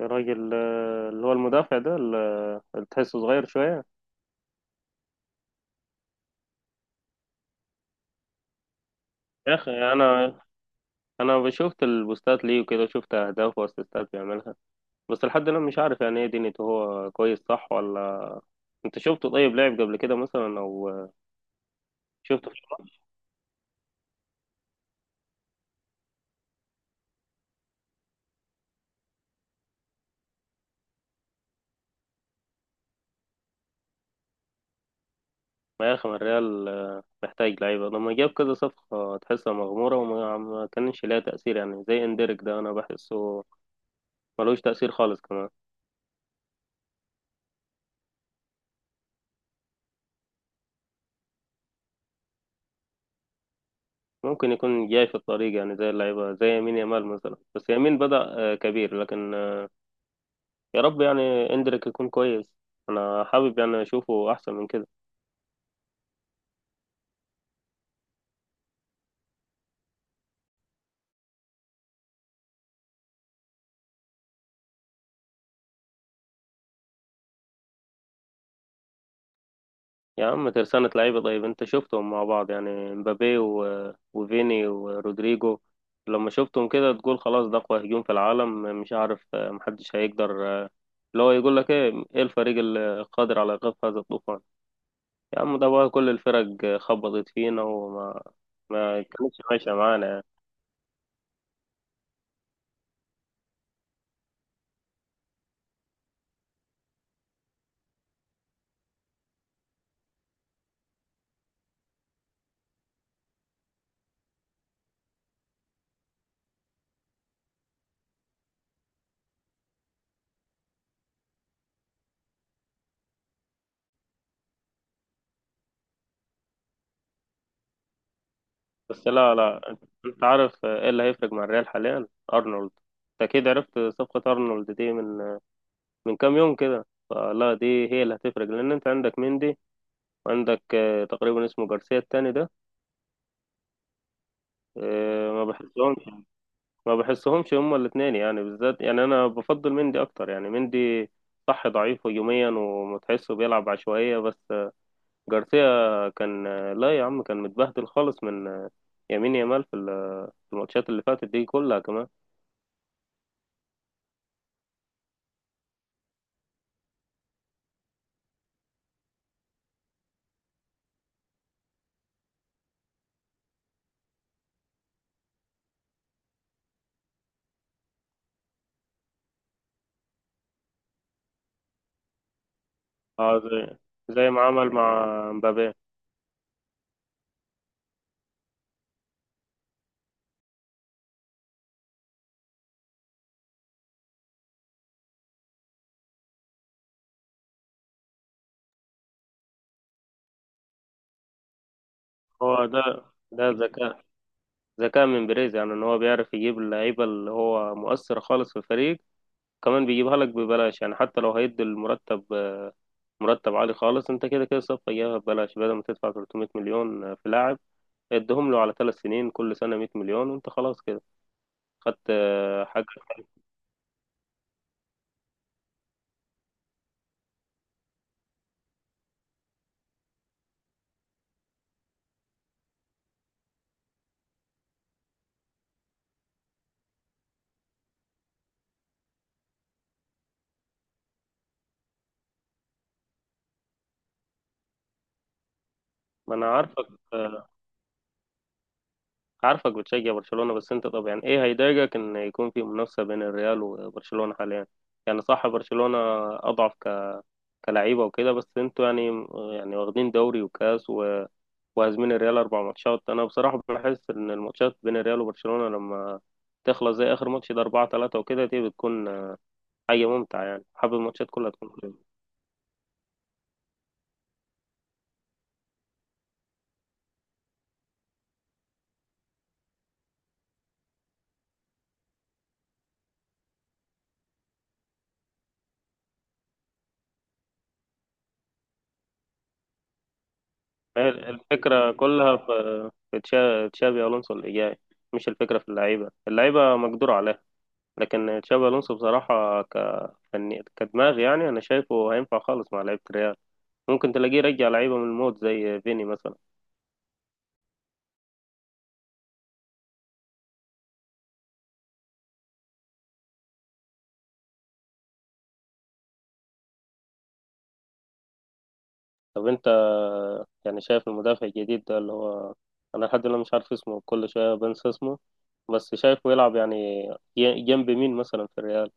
الراجل، اللي هو المدافع ده اللي تحسه صغير شوية. يا أخي، أنا شفت البوستات ليه وكده، شفت أهداف وأسيستات بيعملها. بس لحد الآن مش عارف يعني إيه دنيته، هو كويس صح ولا؟ أنت شفته؟ طيب لعب قبل كده مثلا، أو شفته في الريال؟ يا أخي، ما الريال محتاج لعيبة، لما جاب كذا صفقة تحسها مغمورة وما ما كانش ليها تأثير، يعني زي إندريك ده، أنا بحسه ملوش تأثير خالص كمان. ممكن يكون جاي في الطريق يعني، زي اللعيبة، زي يمين يامال مثلا، بس يمين بدأ كبير، لكن يا رب يعني اندريك يكون كويس. انا حابب يعني اشوفه احسن من كده. يا عم، ترسانة لعيبة! طيب انت شفتهم مع بعض يعني، مبابي و... وفيني ورودريجو. لما شفتهم كده تقول خلاص، ده اقوى هجوم في العالم. مش عارف محدش هيقدر، اللي هو يقول لك ايه، ايه الفريق القادر على ايقاف هذا الطوفان؟ يا عم، ده بقى كل الفرق خبطت فينا وما ما كانتش ماشية معانا يعني. بس لا، لا، انت عارف ايه اللي هيفرق مع الريال حاليا. ارنولد. أنت اكيد عرفت صفقة ارنولد دي من كام يوم كده، فلا دي هي اللي هتفرق، لان انت عندك مندي، وعندك تقريبا اسمه جارسيا التاني ده، آه، ما بحسهمش ما بحسهمش هما الاثنين يعني، بالذات يعني انا بفضل مندي اكتر يعني. مندي صح ضعيف هجوميا وتحسه بيلعب عشوائية، بس جارسيا كان لا يا عم كان متبهدل خالص من يمين يامال في في الماتشات اللي فاتت دي كلها كمان. اه، زي ما عمل مع مبابي. هو ده. ده ذكاء من بيريز يعني، ان هو بيعرف يجيب اللعيبه اللي هو مؤثر خالص في الفريق، كمان بيجيبها لك ببلاش يعني، حتى لو هيدي المرتب، مرتب عالي خالص. انت كده كده صفقه جايبها ببلاش، بدل ما تدفع 300 مليون في لاعب، ادهم له على 3 سنين، كل سنه 100 مليون، وانت خلاص كده خدت حاجه. ما انا عارفك بتشجع برشلونه. بس انت، طب يعني ايه هيضايقك ان يكون في منافسه بين الريال وبرشلونه حاليا؟ يعني صح، برشلونه اضعف كلعيبه وكده، بس انتوا يعني واخدين دوري وكاس و وهازمين الريال 4 ماتشات. انا بصراحه بحس ان الماتشات بين الريال وبرشلونه، لما تخلص زي اخر ماتش ده 4-3 وكده، دي بتكون حاجه ممتعه يعني. حابب الماتشات كلها تكون كده. هي الفكره كلها في تشابي الونسو اللي جاي، مش الفكره في اللعيبه، اللعيبه مقدور عليها. لكن تشابي الونسو بصراحه، كدماغ يعني، انا شايفه هينفع خالص مع لعيبه الريال. ممكن تلاقيه يرجع لعيبه من الموت زي فيني مثلا. طب انت يعني، شايف المدافع الجديد ده، اللي هو انا لحد دلوقتي مش عارف اسمه، كل شويه بنسى اسمه، بس شايفه يلعب يعني جنب مين مثلا في الريال؟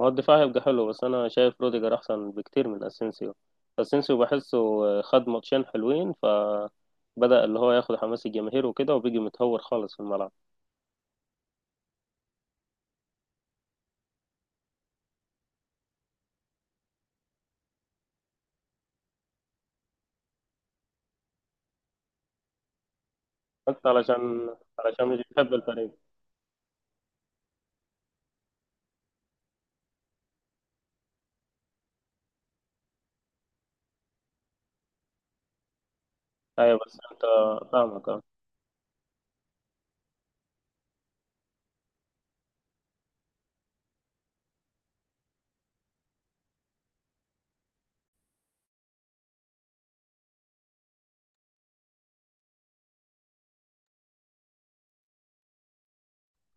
هو الدفاع هيبقى حلو، بس انا شايف روديجر احسن بكتير من اسينسيو. اسينسيو بحسه خد ماتشين حلوين فبدأ اللي هو ياخد حماس الجماهير وكده، وبيجي متهور خالص في الملعب. انت علشان مش بتحب الفريق. ايوه، بس انت، فاهمك. أه.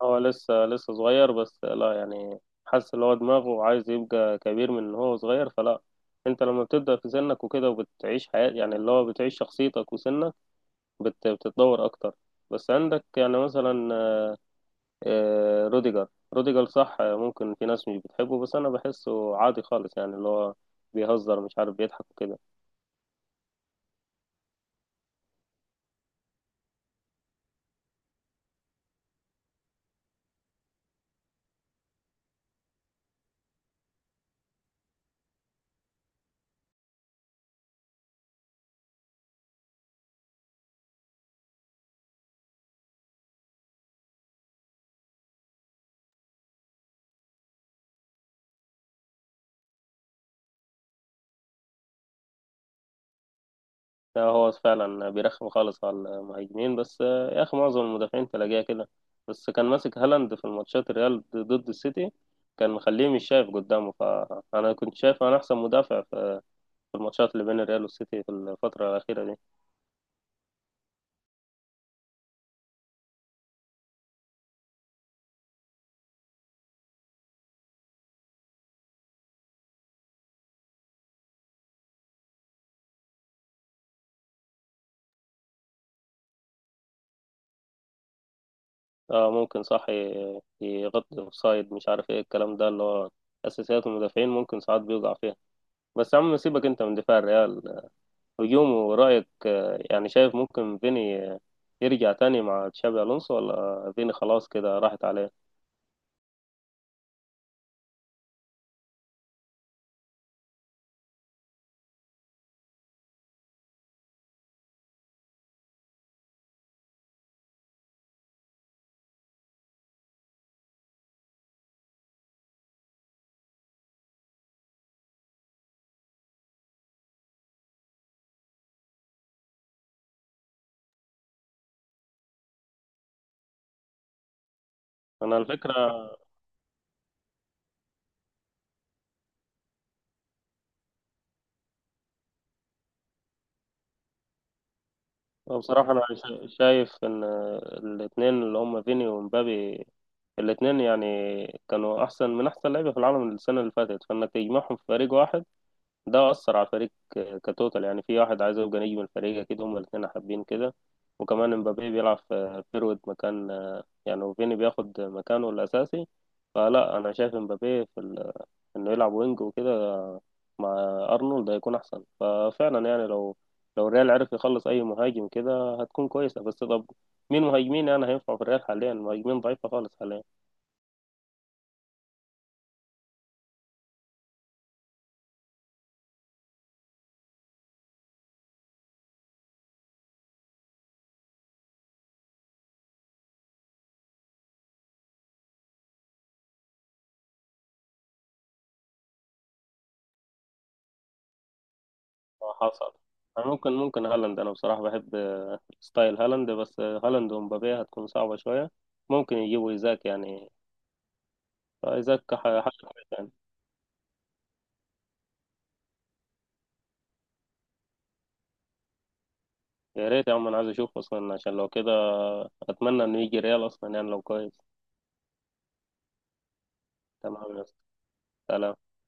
هو لسه صغير، بس لا يعني، حاسس ان هو دماغه عايز يبقى كبير من ان هو صغير، فلا. انت لما بتبدأ في سنك وكده، وبتعيش حياة يعني، اللي هو بتعيش شخصيتك وسنك بتتطور اكتر. بس عندك يعني مثلا روديجر، روديجر صح ممكن في ناس مش بتحبه، بس انا بحسه عادي خالص يعني، اللي هو بيهزر، مش عارف بيضحك وكده. لا، هو فعلا بيرخم خالص على المهاجمين، بس يا اخي معظم المدافعين تلاقيها كده. بس كان ماسك هالاند في الماتشات الريال ضد السيتي، كان مخليه مش شايف قدامه. فانا كنت شايف انا احسن مدافع في الماتشات اللي بين الريال والسيتي في الفترة الأخيرة دي. اه، ممكن صح يغطي اوفسايد، مش عارف ايه الكلام ده، اللي هو اساسيات المدافعين ممكن ساعات بيوقع فيها. بس يا عم سيبك انت من دفاع الريال. هجومه، رأيك يعني، شايف ممكن فيني يرجع تاني مع تشابي ألونسو، ولا فيني خلاص كده راحت عليه؟ أنا الفكرة، بصراحة أنا شايف إن الاتنين اللي هم فيني ومبابي، الاتنين يعني كانوا أحسن من أحسن لعيبة في العالم السنة اللي فاتت، فإنك تجمعهم في فريق واحد ده أثر على الفريق كتوتال يعني، في واحد عايز يبقى نجم الفريق، أكيد هما الاتنين حابين كده. وكمان امبابي بيلعب في فيرود مكان يعني، وفيني بياخد مكانه الأساسي. فلا، أنا شايف امبابي في إنه يلعب وينج وكده مع أرنولد هيكون أحسن. ففعلا يعني، لو الريال عرف يخلص أي مهاجم كده هتكون كويسة. بس طب، مين مهاجمين يعني هينفع في الريال حاليا؟ مهاجمين ضعيفة خالص حاليا. حصل. أنا ممكن هالاند، أنا بصراحة بحب ستايل هالاند، بس هالاند ومبابي هتكون صعبة شوية. ممكن يجيبوا إيزاك يعني. إيزاك حاجة كويسة يعني. يا ريت يا عم، أنا عايز أشوفه أصلا، عشان لو كده أتمنى إنه يجي ريال أصلا يعني لو كويس. تمام يا أسطى. سلام.